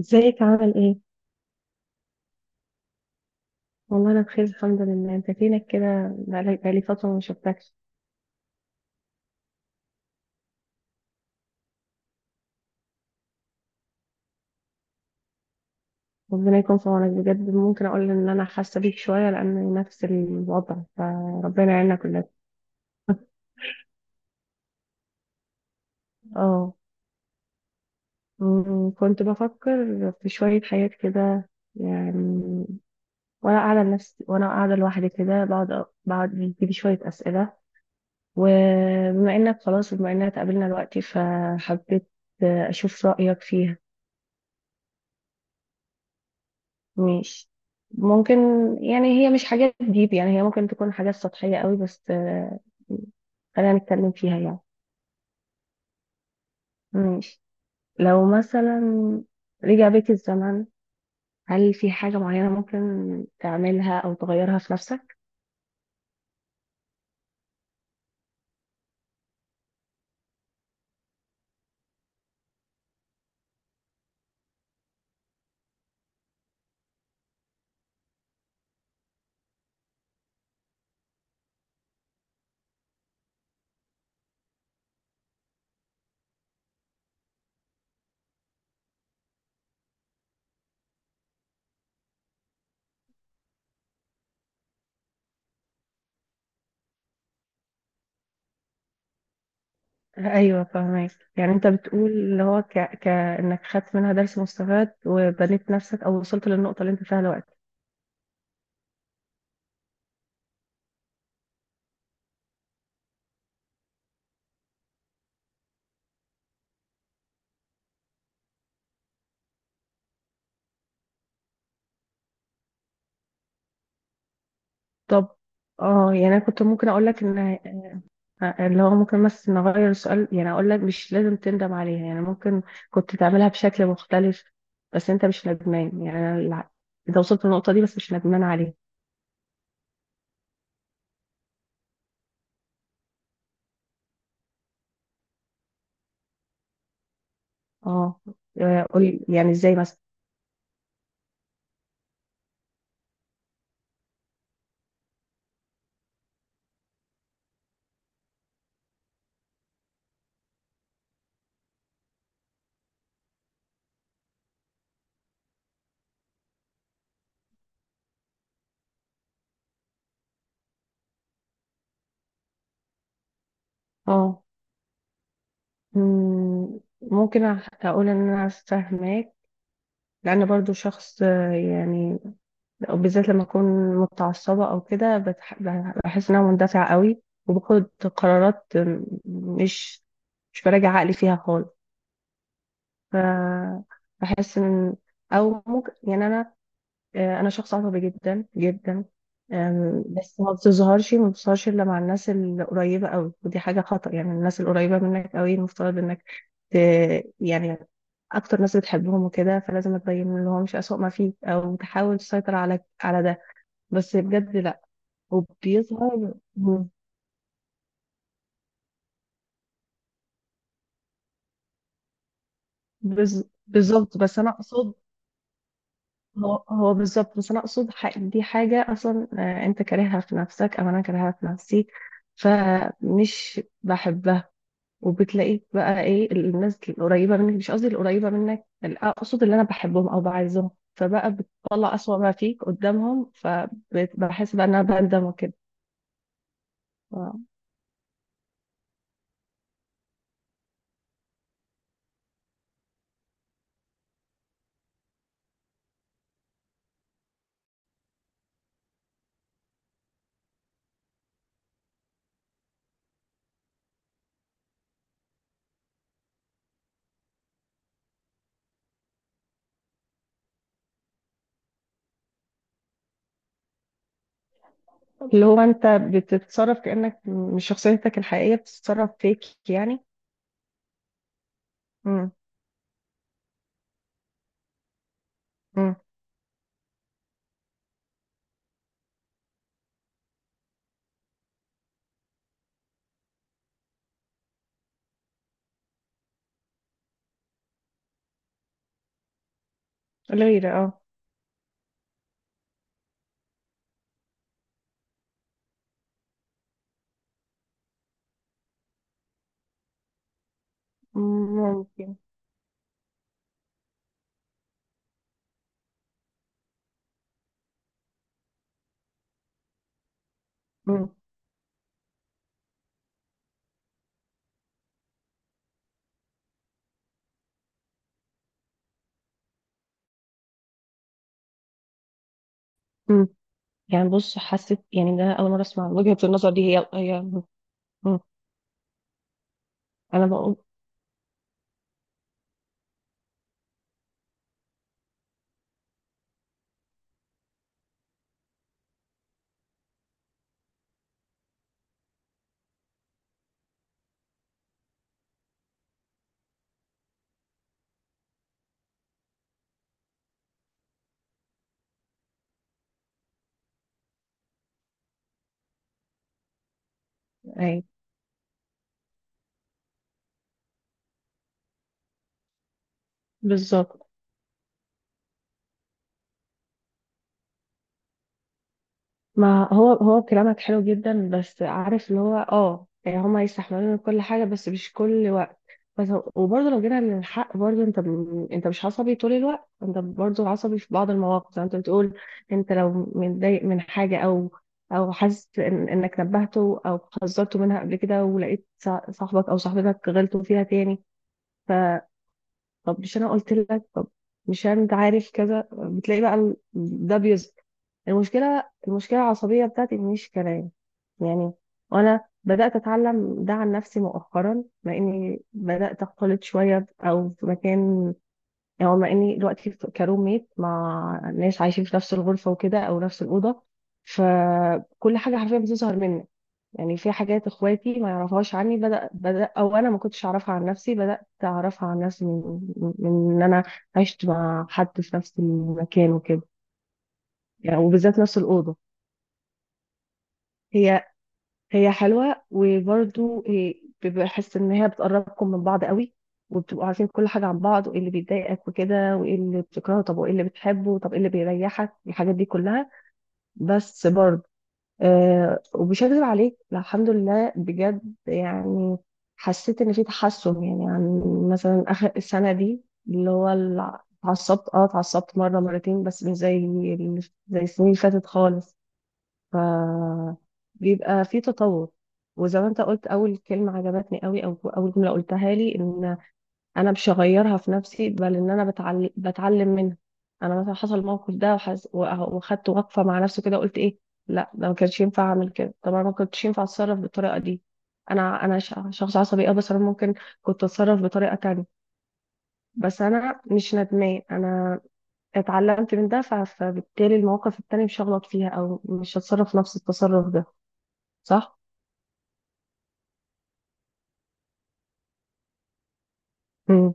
ازيك عامل ايه؟ والله انا بخير الحمد لله، انت فينك كده؟ بقالي فترة ما شفتكش. ربنا يكون في عونك بجد. ممكن اقول ان انا حاسة بيك شوية لان نفس الوضع، فربنا يعيننا كلنا. اه. كنت بفكر في شوية حاجات كده يعني، وانا قاعدة لنفسي وانا قاعدة لوحدي كده، بقعد بيجيلي شوية اسئلة، وبما انك خلاص وبما اننا اتقابلنا دلوقتي، فحبيت اشوف رأيك فيها. ماشي. ممكن يعني، هي مش حاجات ديب، يعني هي ممكن تكون حاجات سطحية قوي، بس خلينا نتكلم فيها يعني. ماشي. لو مثلا رجع بيك الزمن، هل في حاجة معينة ممكن تعملها أو تغيرها في نفسك؟ أيوة فاهمك. يعني أنت بتقول اللي هو كأنك خدت منها درس مستفاد وبنيت نفسك أو وصلت للنقطة اللي أنت فيها دلوقتي. طب اه، يعني أنا كنت ممكن أقول لك إن اللي هو، ممكن بس نغير السؤال، يعني اقول لك مش لازم تندم عليها، يعني ممكن كنت تعملها بشكل مختلف بس انت مش ندمان. يعني انت وصلت للنقطة دي بس مش ندمان عليها. اه. قول يعني ازاي مثلا. اه. ممكن اقول ان انا فاهماك، لان برضو شخص يعني، بالذات لما اكون متعصبة او كده بحس ان انا مندفعة قوي وباخد قرارات مش براجع عقلي فيها خالص. فبحس ان، او ممكن يعني انا، انا شخص عصبي جدا جدا. بس ما بتظهرش الا مع الناس القريبه قوي، ودي حاجه خطأ. يعني الناس القريبه منك قوي المفترض انك ت... يعني اكتر ناس بتحبهم وكده، فلازم ما تبين لهمش اسوأ ما فيك او تحاول تسيطر على ده. بس بجد لا، وبيظهر. بالظبط، بس انا اقصد هو بالظبط، بس انا اقصد دي حاجه اصلا انت كارهها في نفسك او انا كارهها في نفسي، فمش بحبها. وبتلاقيك بقى ايه، الناس القريبه منك، مش قصدي القريبه منك، اقصد اللي انا بحبهم او بعزهم، فبقى بتطلع اسوأ ما فيك قدامهم، فبحس بقى ان انا بندم وكده. ف- اللي هو انت بتتصرف كانك مش شخصيتك الحقيقيه بتتصرف فيك يعني. امم. امم. غير اه. ممكن. امم. امم. يعني بص، حسيت يعني ده اول مره اسمع وجهه النظر دي، م- انا بقول اي. بالظبط. ما هو هو كلامك حلو جدا، بس عارف اللي هو اه، يعني هما يستحملون كل حاجه بس مش كل وقت، بس. وبرضه لو جينا للحق، برضه انت انت مش عصبي طول الوقت، انت برضه عصبي في بعض المواقف زي ما انت بتقول. انت لو متضايق من حاجه او او حاسس إن انك نبهته او حذرته منها قبل كده، ولقيت صاحبك او صاحبتك غلطوا فيها تاني، طب مش انا قلت لك؟ طب مش يعني انت عارف كذا، بتلاقي بقى ده بيظهر. المشكله العصبيه بتاعتي مش كلام يعني. وانا بدات اتعلم ده عن نفسي مؤخرا، مع اني بدات اختلط شويه او في مكان، يعني مع اني دلوقتي كروم ميت مع ناس عايشين في نفس الغرفه وكده او نفس الاوضه، فكل حاجه حرفيا بتظهر منك. يعني في حاجات اخواتي ما يعرفوهاش عني، بدأ او انا ما كنتش اعرفها عن نفسي، بدأت اعرفها عن نفسي من من ان انا عشت مع حد في نفس المكان وكده، يعني وبالذات نفس الأوضة. هي هي حلوة، وبرضو بحس ان هي بتقربكم من بعض قوي، وبتبقوا عارفين كل حاجة عن بعض، وايه اللي بيضايقك وكده، وايه اللي بتكرهه، طب وايه اللي بتحبه، طب ايه اللي بيريحك، الحاجات دي كلها. بس برضو أه، ومش هكذب عليك، الحمد لله بجد، يعني حسيت ان في تحسن، يعني عن مثلا اخر السنه دي. اللي هو اتعصبت اه، اتعصبت مره مرتين، بس مش زي زي السنين اللي فاتت خالص. ف بيبقى في تطور. وزي ما انت قلت اول كلمه عجبتني قوي او اول جمله قلتها لي، ان انا مش هغيرها في نفسي، بل ان انا بتعلم، بتعلم منها. انا مثلا حصل الموقف ده، وخدت وقفه مع نفسي كده، قلت ايه، لا ده ما كانش ينفع اعمل كده، طبعا ما كنتش ينفع اتصرف بالطريقه دي. شخص عصبي اه، بس انا ممكن كنت اتصرف بطريقه تانية. بس انا مش ندمان، انا اتعلمت من ده، فبالتالي المواقف التانية مش هغلط فيها او مش هتصرف نفس التصرف ده. صح؟ امم.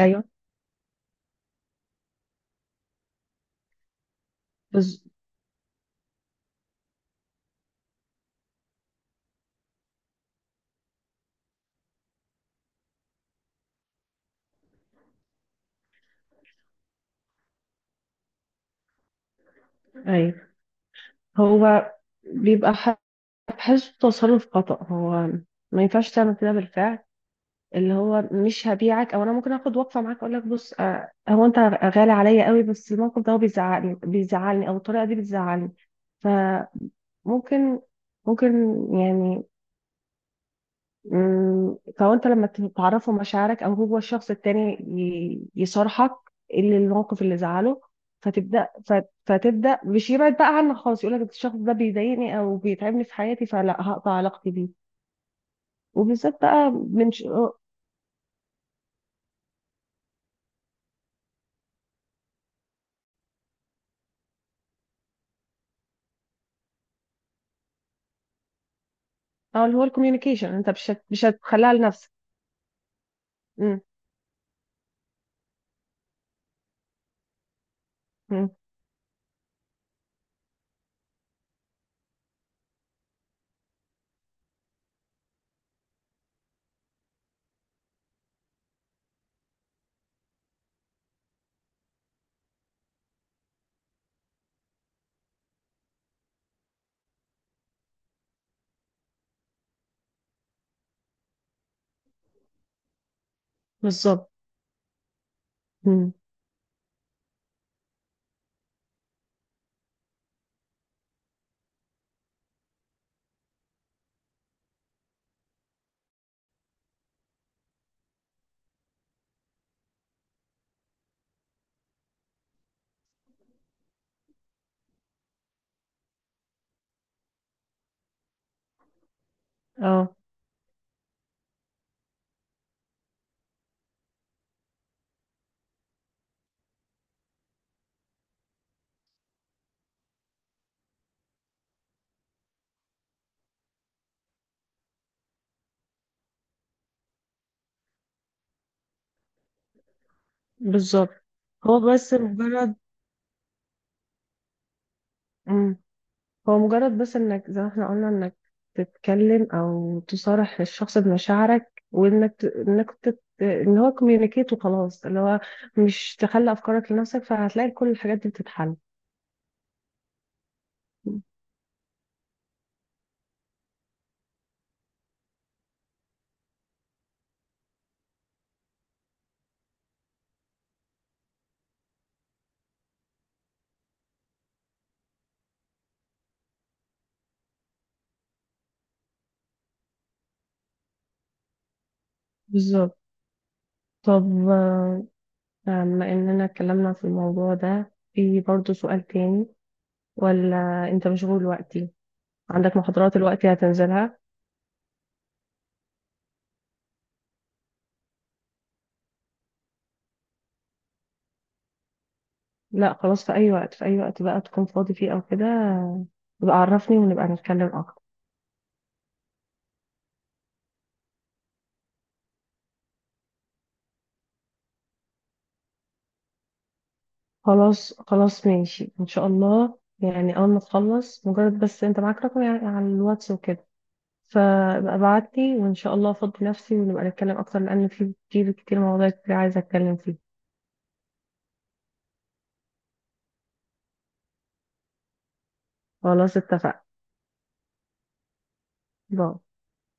ايوه. بز... ايوه. هو بيبقى بحسه تصرف خطأ، هو ما ينفعش تعمل كده بالفعل. اللي هو مش هبيعك، او انا ممكن اخد وقفه معاك، اقول لك بص هو انت غالي عليا قوي، بس الموقف ده هو بيزعلني، بيزعلني، او الطريقه دي بتزعلني. فممكن، ممكن يعني، فهو انت لما تعرفه مشاعرك، او هو الشخص التاني يصارحك اللي الموقف اللي زعله، فتبدا مش يبعد بقى عنك خالص، يقول لك الشخص ده بيضايقني او بيتعبني في حياتي فلا هقطع علاقتي بيه، وبالذات بقى من اه. اللي هو الكوميونيكيشن، انت مش هتخليها لنفسك. مم. مم. بالظبط. مم. اه بالظبط. هو بس مجرد. مم. هو مجرد بس انك زي ما احنا قلنا، انك تتكلم او تصارح الشخص بمشاعرك، وانك ان هو كوميونيكيت وخلاص، اللي هو مش تخلي افكارك لنفسك، فهتلاقي كل الحاجات دي بتتحل. بالظبط. طب بما اننا اتكلمنا في الموضوع ده، في برضه سؤال تاني، ولا انت مشغول دلوقتي؟ عندك محاضرات دلوقتي هتنزلها؟ لا خلاص، في اي وقت، في اي وقت بقى تكون فاضي فيه او كده، يبقى عرفني ونبقى نتكلم اكتر. خلاص خلاص ماشي، ان شاء الله. يعني اول ما تخلص، مجرد بس انت معاك رقم يعني على الواتس وكده، فابقى ابعتلي وان شاء الله افضي نفسي ونبقى نتكلم اكتر، لان في كتير، كتير مواضيع كتير عايزه اتكلم فيها. خلاص اتفقنا. باي.